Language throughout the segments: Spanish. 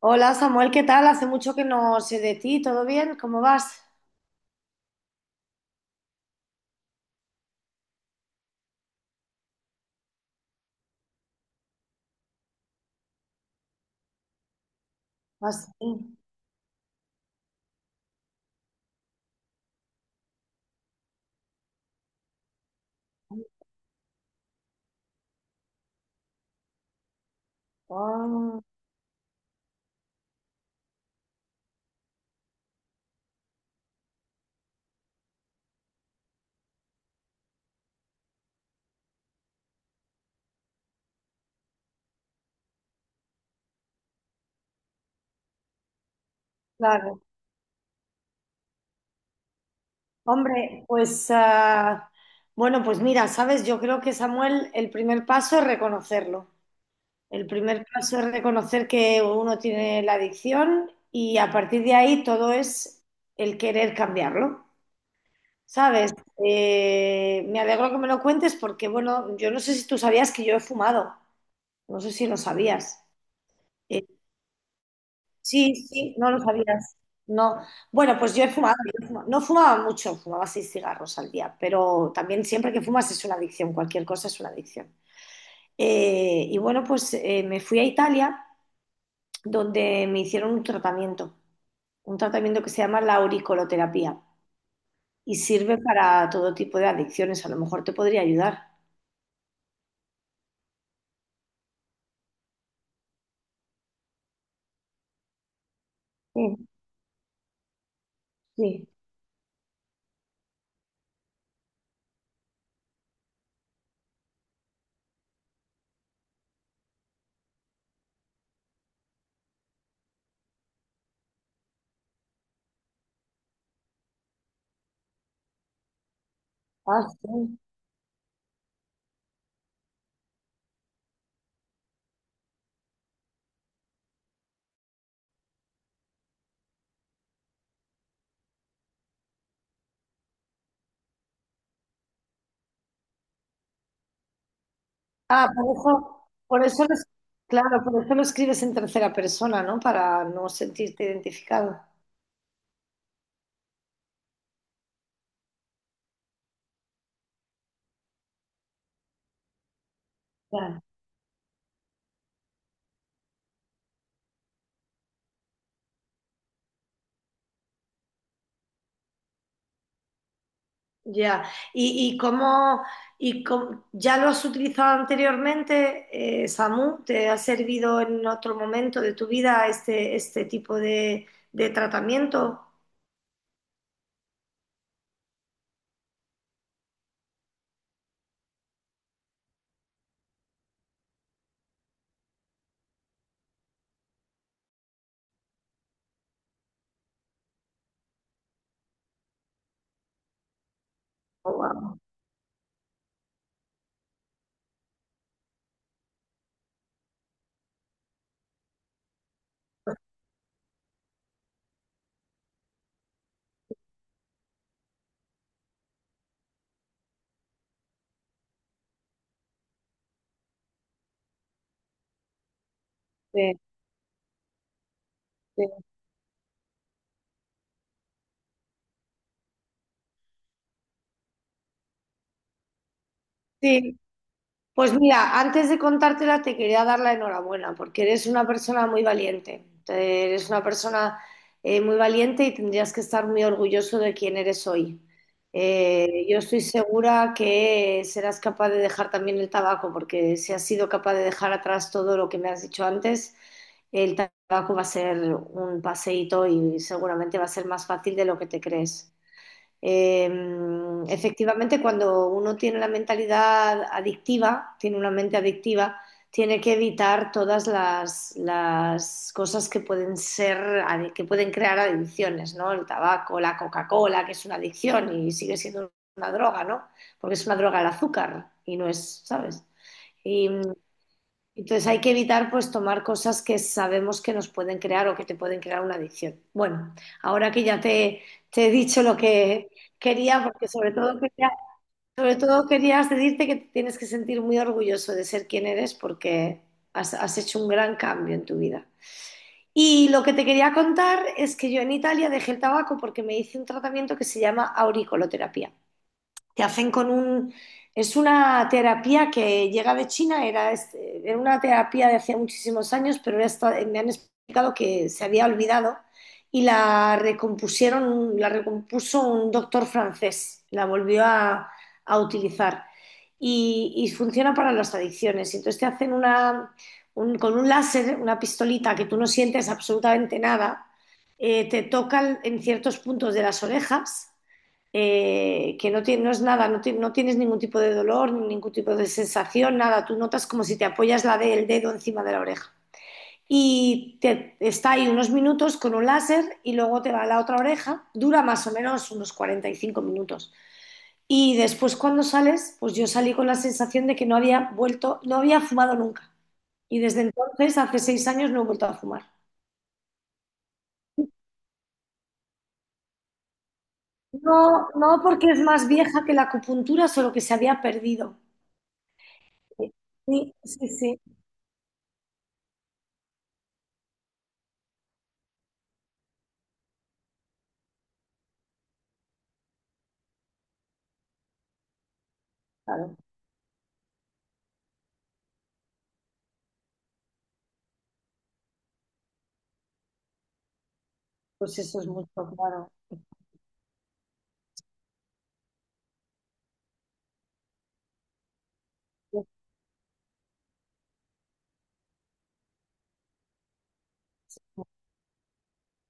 Hola Samuel, ¿qué tal? Hace mucho que no sé de ti, ¿todo bien? ¿Cómo vas? Así. Ah, claro. Hombre, pues bueno, pues mira, sabes, yo creo que Samuel, el primer paso es reconocerlo. El primer paso es reconocer que uno tiene la adicción y a partir de ahí todo es el querer cambiarlo. ¿Sabes? Me alegro que me lo cuentes porque, bueno, yo no sé si tú sabías que yo he fumado. No sé si lo sabías. Sí, sí, no lo sabías. No. Bueno, pues yo he fumado, yo he fumado. No fumaba mucho, fumaba 6 cigarros al día, pero también siempre que fumas es una adicción, cualquier cosa es una adicción. Y bueno, pues me fui a Italia donde me hicieron un tratamiento que se llama la auricoloterapia y sirve para todo tipo de adicciones. A lo mejor te podría ayudar. Sí, sí. Ah, sí. Ah, por eso lo es- Claro, por eso lo escribes en tercera persona, ¿no? Para no sentirte identificado. Ya, ya. ¿Y, y cómo, y cómo- ya lo has utilizado anteriormente, Samu? ¿Te ha servido en otro momento de tu vida este, este tipo de tratamiento? Oh, wow. Sí, sí. Sí, pues mira, antes de contártela te quería dar la enhorabuena porque eres una persona muy valiente. Eres una persona muy valiente y tendrías que estar muy orgulloso de quién eres hoy. Yo estoy segura que serás capaz de dejar también el tabaco porque si has sido capaz de dejar atrás todo lo que me has dicho antes, el tabaco va a ser un paseíto y seguramente va a ser más fácil de lo que te crees. Eh, Efectivamente, cuando uno tiene la mentalidad adictiva, tiene una mente adictiva, tiene que evitar todas las cosas que pueden ser, que pueden crear adicciones, ¿no? El tabaco, la Coca-Cola, que es una adicción y sigue siendo una droga, ¿no? Porque es una droga el azúcar y no es, ¿sabes? Y entonces hay que evitar pues tomar cosas que sabemos que nos pueden crear o que te pueden crear una adicción. Bueno, ahora que te he dicho lo que quería, porque sobre todo quería decirte que te tienes que sentir muy orgulloso de ser quien eres porque has, has hecho un gran cambio en tu vida. Y lo que te quería contar es que yo en Italia dejé el tabaco porque me hice un tratamiento que se llama auriculoterapia. Te hacen con un… Es una terapia que llega de China, era una terapia de hacía muchísimos años, pero me han explicado que se había olvidado y la recompusieron, la recompuso un doctor francés, la volvió a utilizar y funciona para las adicciones. Y entonces te hacen con un láser, una pistolita que tú no sientes absolutamente nada, te tocan en ciertos puntos de las orejas, que no es nada, no tienes ningún tipo de dolor, ningún tipo de sensación, nada. Tú notas como si te apoyas el dedo encima de la oreja. Está ahí unos minutos con un láser y luego te va a la otra oreja. Dura más o menos unos 45 minutos. Y después cuando sales, pues yo salí con la sensación de que no había vuelto, no había fumado nunca. Y desde entonces, hace 6 años, no he vuelto a fumar. No, no porque es más vieja que la acupuntura, solo que se había perdido. Sí, sí, sí, claro. Pues eso es mucho, claro. Sí,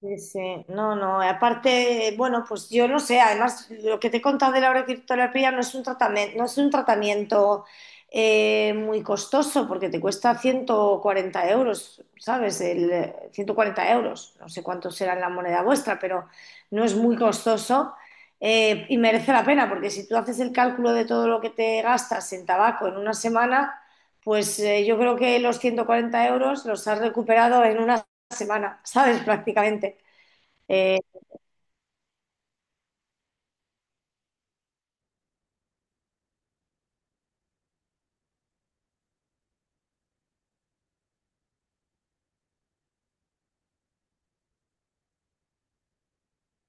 sí, sí. No, no. Aparte, bueno, pues yo no sé. Además, lo que te he contado de la auriculoterapia no es un tratamiento, no es un tratamiento muy costoso porque te cuesta 140 euros, ¿sabes? 140 euros. No sé cuánto será en la moneda vuestra, pero no es muy costoso, y merece la pena porque si tú haces el cálculo de todo lo que te gastas en tabaco en una semana, pues yo creo que los 140 € los has recuperado en una semana, ¿sabes? Prácticamente. Eh,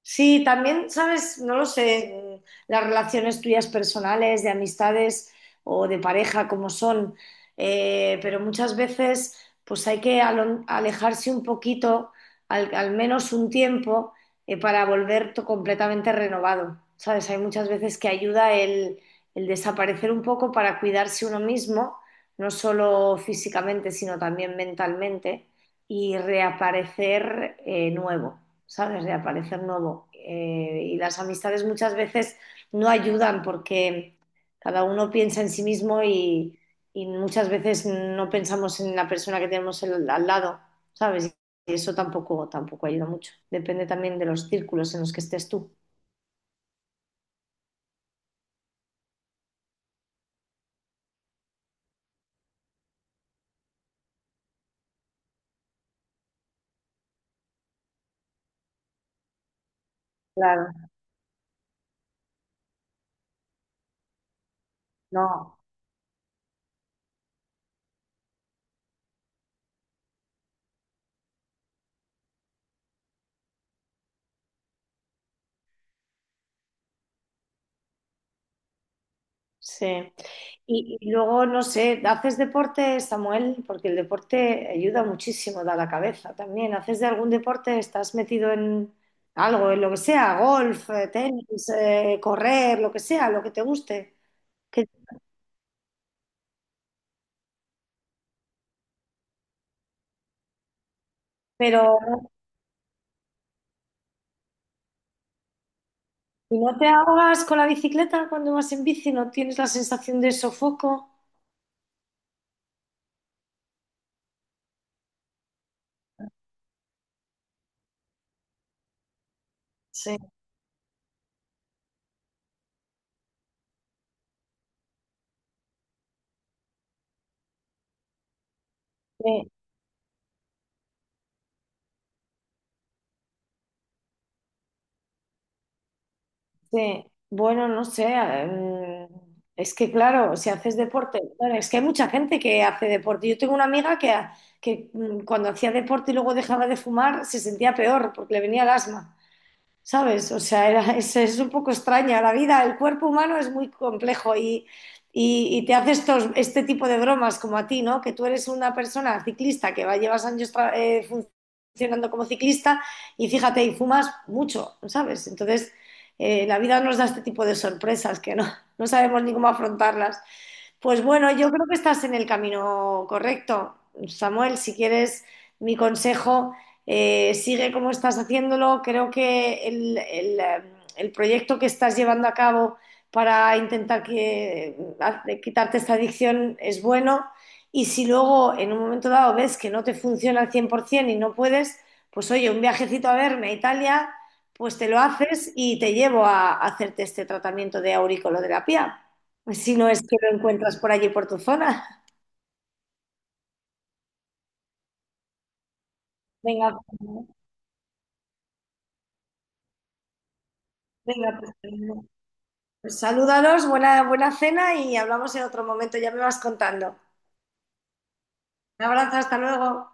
Sí, también, sabes, no lo sé, las relaciones tuyas personales, de amistades o de pareja, como son, pero muchas veces pues hay que alejarse un poquito, al, al menos un tiempo, para volver completamente renovado. Sabes, hay muchas veces que ayuda el desaparecer un poco para cuidarse uno mismo, no solo físicamente, sino también mentalmente, y reaparecer nuevo. ¿Sabes? De aparecer nuevo. Y las amistades muchas veces no ayudan porque cada uno piensa en sí mismo y muchas veces no pensamos en la persona que tenemos al lado, ¿sabes? Y eso tampoco, tampoco ayuda mucho. Depende también de los círculos en los que estés tú. Claro, no. Sí. Y luego, no sé, ¿haces deporte, Samuel? Porque el deporte ayuda muchísimo, da la cabeza también. ¿Haces de algún deporte? ¿Estás metido en algo, en lo que sea, golf, tenis, correr, lo que sea, lo que te guste? Que- pero si no te ahogas con la bicicleta cuando vas en bici, no tienes la sensación de sofoco. Sí. Sí, bueno, no sé, mm, es que claro, si haces deporte, claro, es que hay mucha gente que hace deporte. Yo tengo una amiga que cuando hacía deporte y luego dejaba de fumar se sentía peor porque le venía el asma. ¿Sabes? O sea, es un poco extraña la vida. El cuerpo humano es muy complejo y te hace estos, este tipo de bromas como a ti, ¿no? Que tú eres una persona ciclista que va, llevas años funcionando como ciclista y fíjate, y fumas mucho, ¿sabes? Entonces, la vida nos da este tipo de sorpresas que no, no sabemos ni cómo afrontarlas. Pues bueno, yo creo que estás en el camino correcto. Samuel, si quieres mi consejo, sigue como estás haciéndolo. Creo que el proyecto que estás llevando a cabo para intentar quitarte esta adicción es bueno. Y si luego en un momento dado ves que no te funciona al 100% y no puedes, pues oye, un viajecito a verme a Italia, pues te lo haces y te llevo a hacerte este tratamiento de auriculoterapia. Pues si no es que lo encuentras por allí, por tu zona. Venga, venga, pues, pues salúdalos, buena, buena cena y hablamos en otro momento, ya me vas contando. Un abrazo, hasta luego.